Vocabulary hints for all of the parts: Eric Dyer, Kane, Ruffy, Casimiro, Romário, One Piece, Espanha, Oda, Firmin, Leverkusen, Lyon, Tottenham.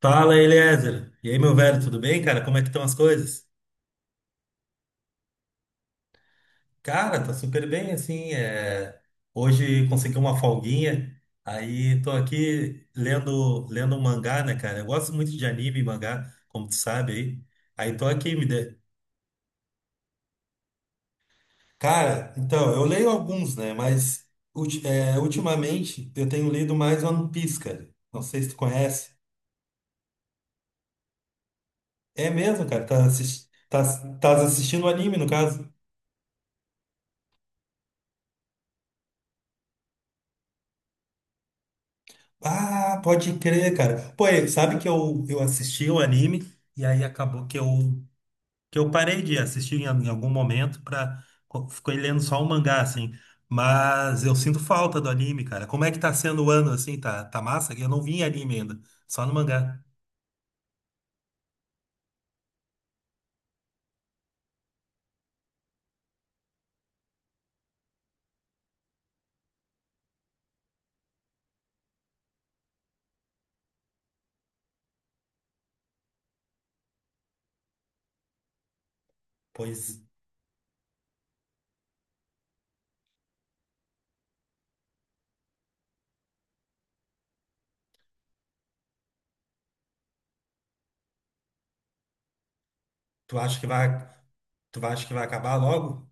Fala, Eliezer. E aí, meu velho, tudo bem, cara? Como é que estão as coisas? Cara, tá super bem, assim. Hoje consegui uma folguinha, aí tô aqui lendo um mangá, né, cara? Eu gosto muito de anime e mangá, como tu sabe aí. Aí tô aqui, me dê. Cara, então, eu leio alguns, né, mas ultimamente eu tenho lido mais One Piece, cara. Não sei se tu conhece. É mesmo, cara, tá assistindo anime, no caso. Ah, pode crer, cara. Pô, e sabe que eu assisti o anime e aí acabou que eu parei de assistir em algum momento Fiquei lendo só o mangá, assim. Mas eu sinto falta do anime, cara. Como é que tá sendo o ano, assim? Tá massa? Eu não vi em anime ainda, só no mangá. Pois tu acha que vai, tu acha que vai acabar logo?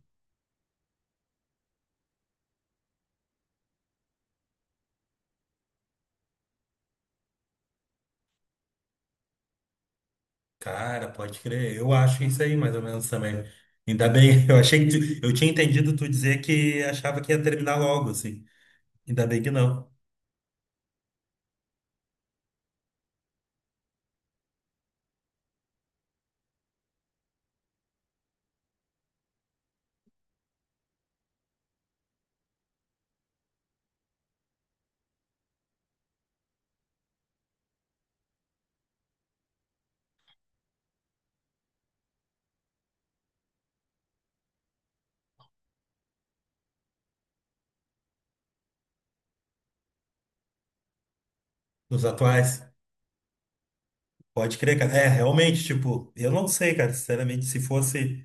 Cara, pode crer. Eu acho isso aí, mais ou menos também. Ainda bem, eu achei que eu tinha entendido tu dizer que achava que ia terminar logo, assim. Ainda bem que não. Dos atuais? Pode crer, cara. É, realmente, tipo, eu não sei, cara, sinceramente, se fosse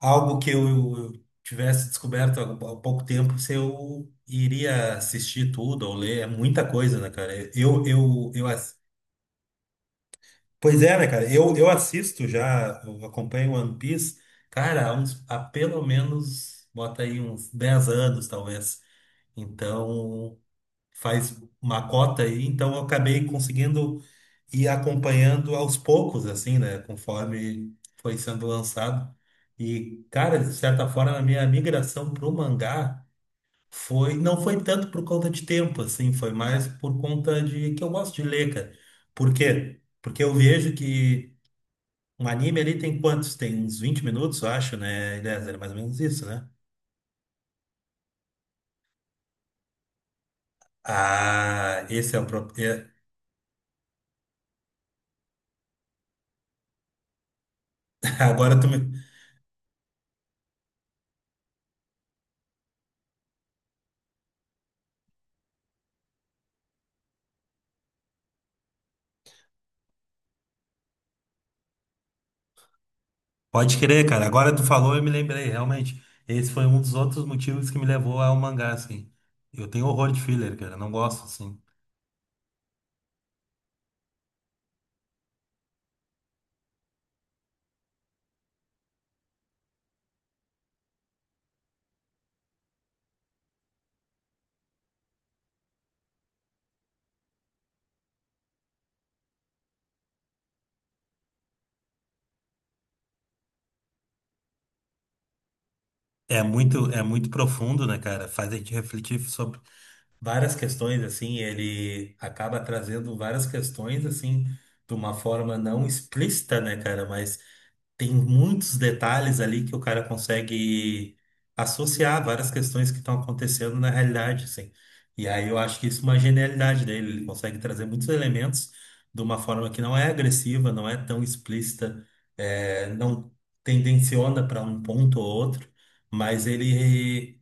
algo que eu tivesse descoberto há pouco tempo, se eu iria assistir tudo ou ler, é muita coisa, né, cara? Pois é, né, cara? Eu assisto já, eu acompanho One Piece, cara, há pelo menos, bota aí uns 10 anos, talvez. Então. Faz uma cota aí, então eu acabei conseguindo ir acompanhando aos poucos, assim, né? Conforme foi sendo lançado. E, cara, de certa forma, a minha migração pro mangá não foi tanto por conta de tempo, assim, foi mais por conta de que eu gosto de ler, cara. Por quê? Porque eu vejo que um anime ali tem quantos? Tem uns 20 minutos, eu acho, né? Eliezer? É mais ou menos isso, né? Ah, esse é o próprio. Agora tu me Pode crer, cara. Agora tu falou, eu me lembrei, realmente. Esse foi um dos outros motivos que me levou ao mangá, assim. Eu tenho horror de filler, cara. Não gosto, assim. É muito profundo, né, cara? Faz a gente refletir sobre várias questões, assim. Ele acaba trazendo várias questões, assim, de uma forma não explícita, né, cara? Mas tem muitos detalhes ali que o cara consegue associar várias questões que estão acontecendo na realidade, assim. E aí eu acho que isso é uma genialidade dele, ele consegue trazer muitos elementos de uma forma que não é agressiva, não é tão explícita, não tendenciona para um ponto ou outro, mas ele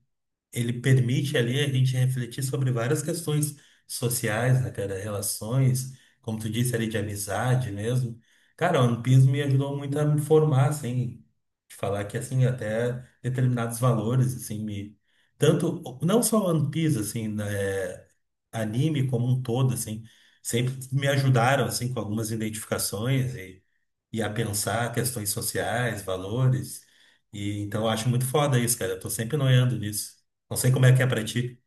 ele permite ali a gente refletir sobre várias questões sociais, né, cara? Relações, como tu disse ali, de amizade mesmo. Cara, o One Piece me ajudou muito a me formar, assim, de falar que, assim, até determinados valores, assim, me... Tanto, não só One Piece, assim, né, anime como um todo, assim, sempre me ajudaram, assim, com algumas identificações e a pensar questões sociais, valores. E então eu acho muito foda isso, cara. Eu tô sempre noiando nisso. Não sei como é que é pra ti.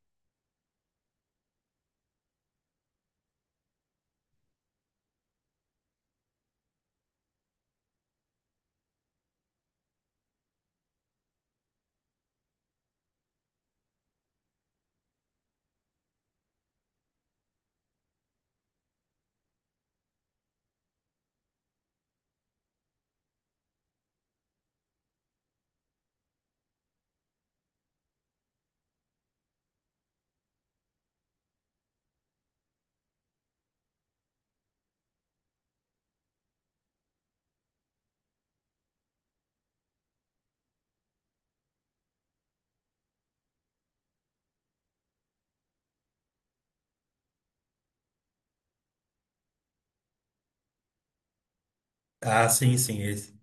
Ah, sim, sim, esse.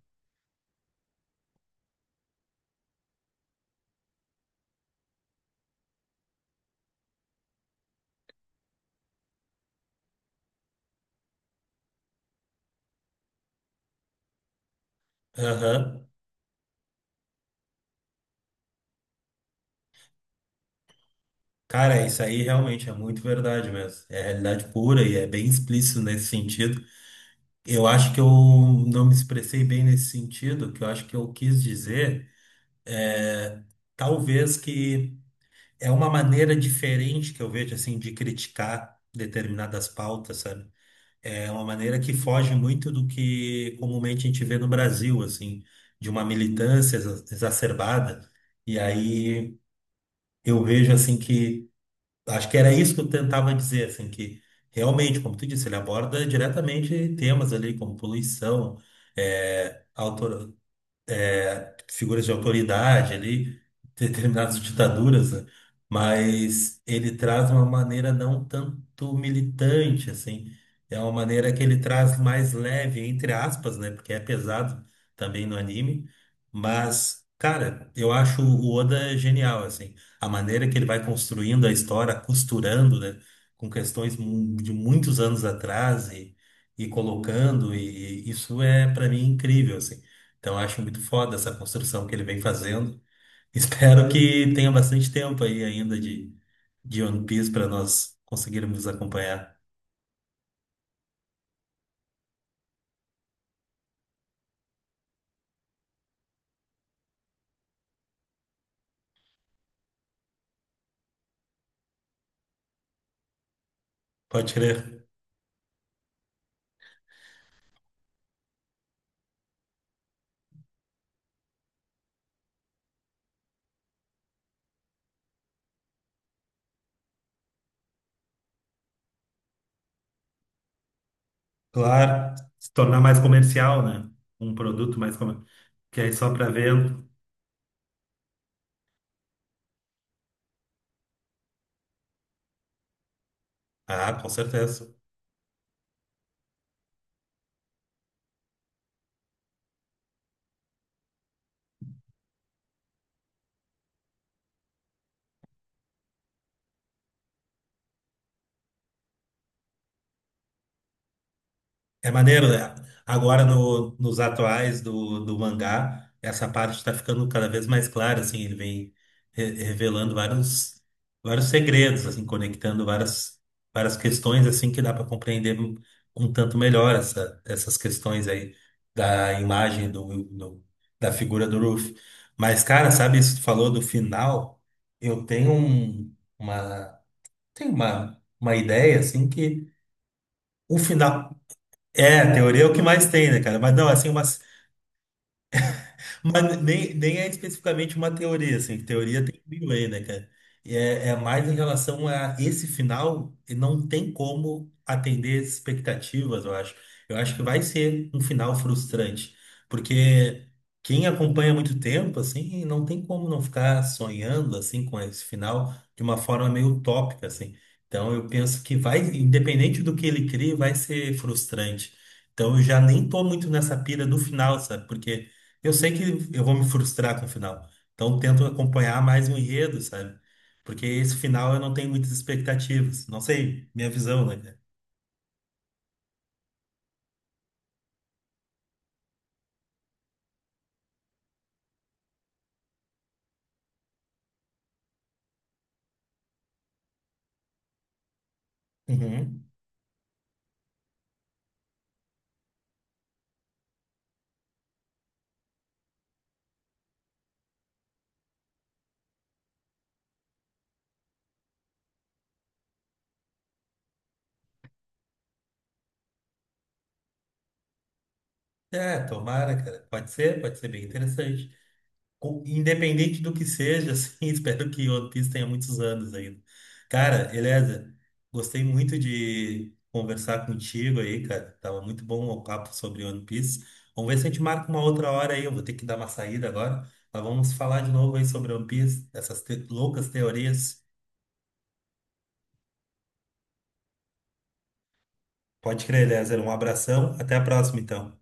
Aham. Cara, isso aí realmente é muito verdade mesmo. É realidade pura e é bem explícito nesse sentido. Eu acho que eu não me expressei bem nesse sentido. O que eu acho que eu quis dizer é, talvez que é uma maneira diferente que eu vejo assim de criticar determinadas pautas, sabe? É uma maneira que foge muito do que comumente a gente vê no Brasil, assim, de uma militância exacerbada. E aí eu vejo, assim, que acho que era isso que eu tentava dizer, assim, que realmente, como tu disse, ele aborda diretamente temas ali como poluição, é, figuras de autoridade ali, determinadas ditaduras, né? Mas ele traz uma maneira não tanto militante, assim. É uma maneira que ele traz mais leve, entre aspas, né? Porque é pesado também no anime. Mas, cara, eu acho o Oda genial, assim. A maneira que ele vai construindo a história, costurando, né? Com questões de muitos anos atrás e, e colocando, e isso é, para mim, incrível, assim. Então, eu acho muito foda essa construção que ele vem fazendo. Espero que tenha bastante tempo aí ainda de One Piece para nós conseguirmos acompanhar. Pode crer. Claro, se tornar mais comercial, né? Um produto mais comercial, que é só para venda. Ah, com certeza. É maneiro, né? Agora nos atuais do mangá, essa parte está ficando cada vez mais clara, assim, ele vem revelando vários segredos, assim, conectando várias questões, assim, que dá para compreender um tanto melhor essas questões aí da imagem da figura do Ruffy. Mas, cara, sabe, isso que tu falou do final, eu tenho uma ideia, assim, que o final é, teoria é o que mais tem, né, cara? Mas não, assim, umas mas nem, nem é especificamente uma teoria, assim, que teoria tem mil aí, né, cara? É mais em relação a esse final, e não tem como atender expectativas, eu acho. Eu acho que vai ser um final frustrante, porque quem acompanha há muito tempo, assim, não tem como não ficar sonhando, assim, com esse final de uma forma meio utópica, assim. Então, eu penso que vai, independente do que ele crie, vai ser frustrante. Então, eu já nem tô muito nessa pira do final, sabe? Porque eu sei que eu vou me frustrar com o final. Então eu tento acompanhar mais o enredo, sabe? Porque esse final eu não tenho muitas expectativas. Não sei, minha visão, né, cara? Uhum. É, tomara, cara. Pode ser bem interessante. Independente do que seja, assim, espero que One Piece tenha muitos anos ainda. Cara, Eliezer, gostei muito de conversar contigo aí, cara. Tava muito bom o papo sobre One Piece. Vamos ver se a gente marca uma outra hora aí. Eu vou ter que dar uma saída agora. Mas vamos falar de novo aí sobre One Piece, essas loucas teorias. Pode crer, Eliezer. Um abração. Até a próxima, então.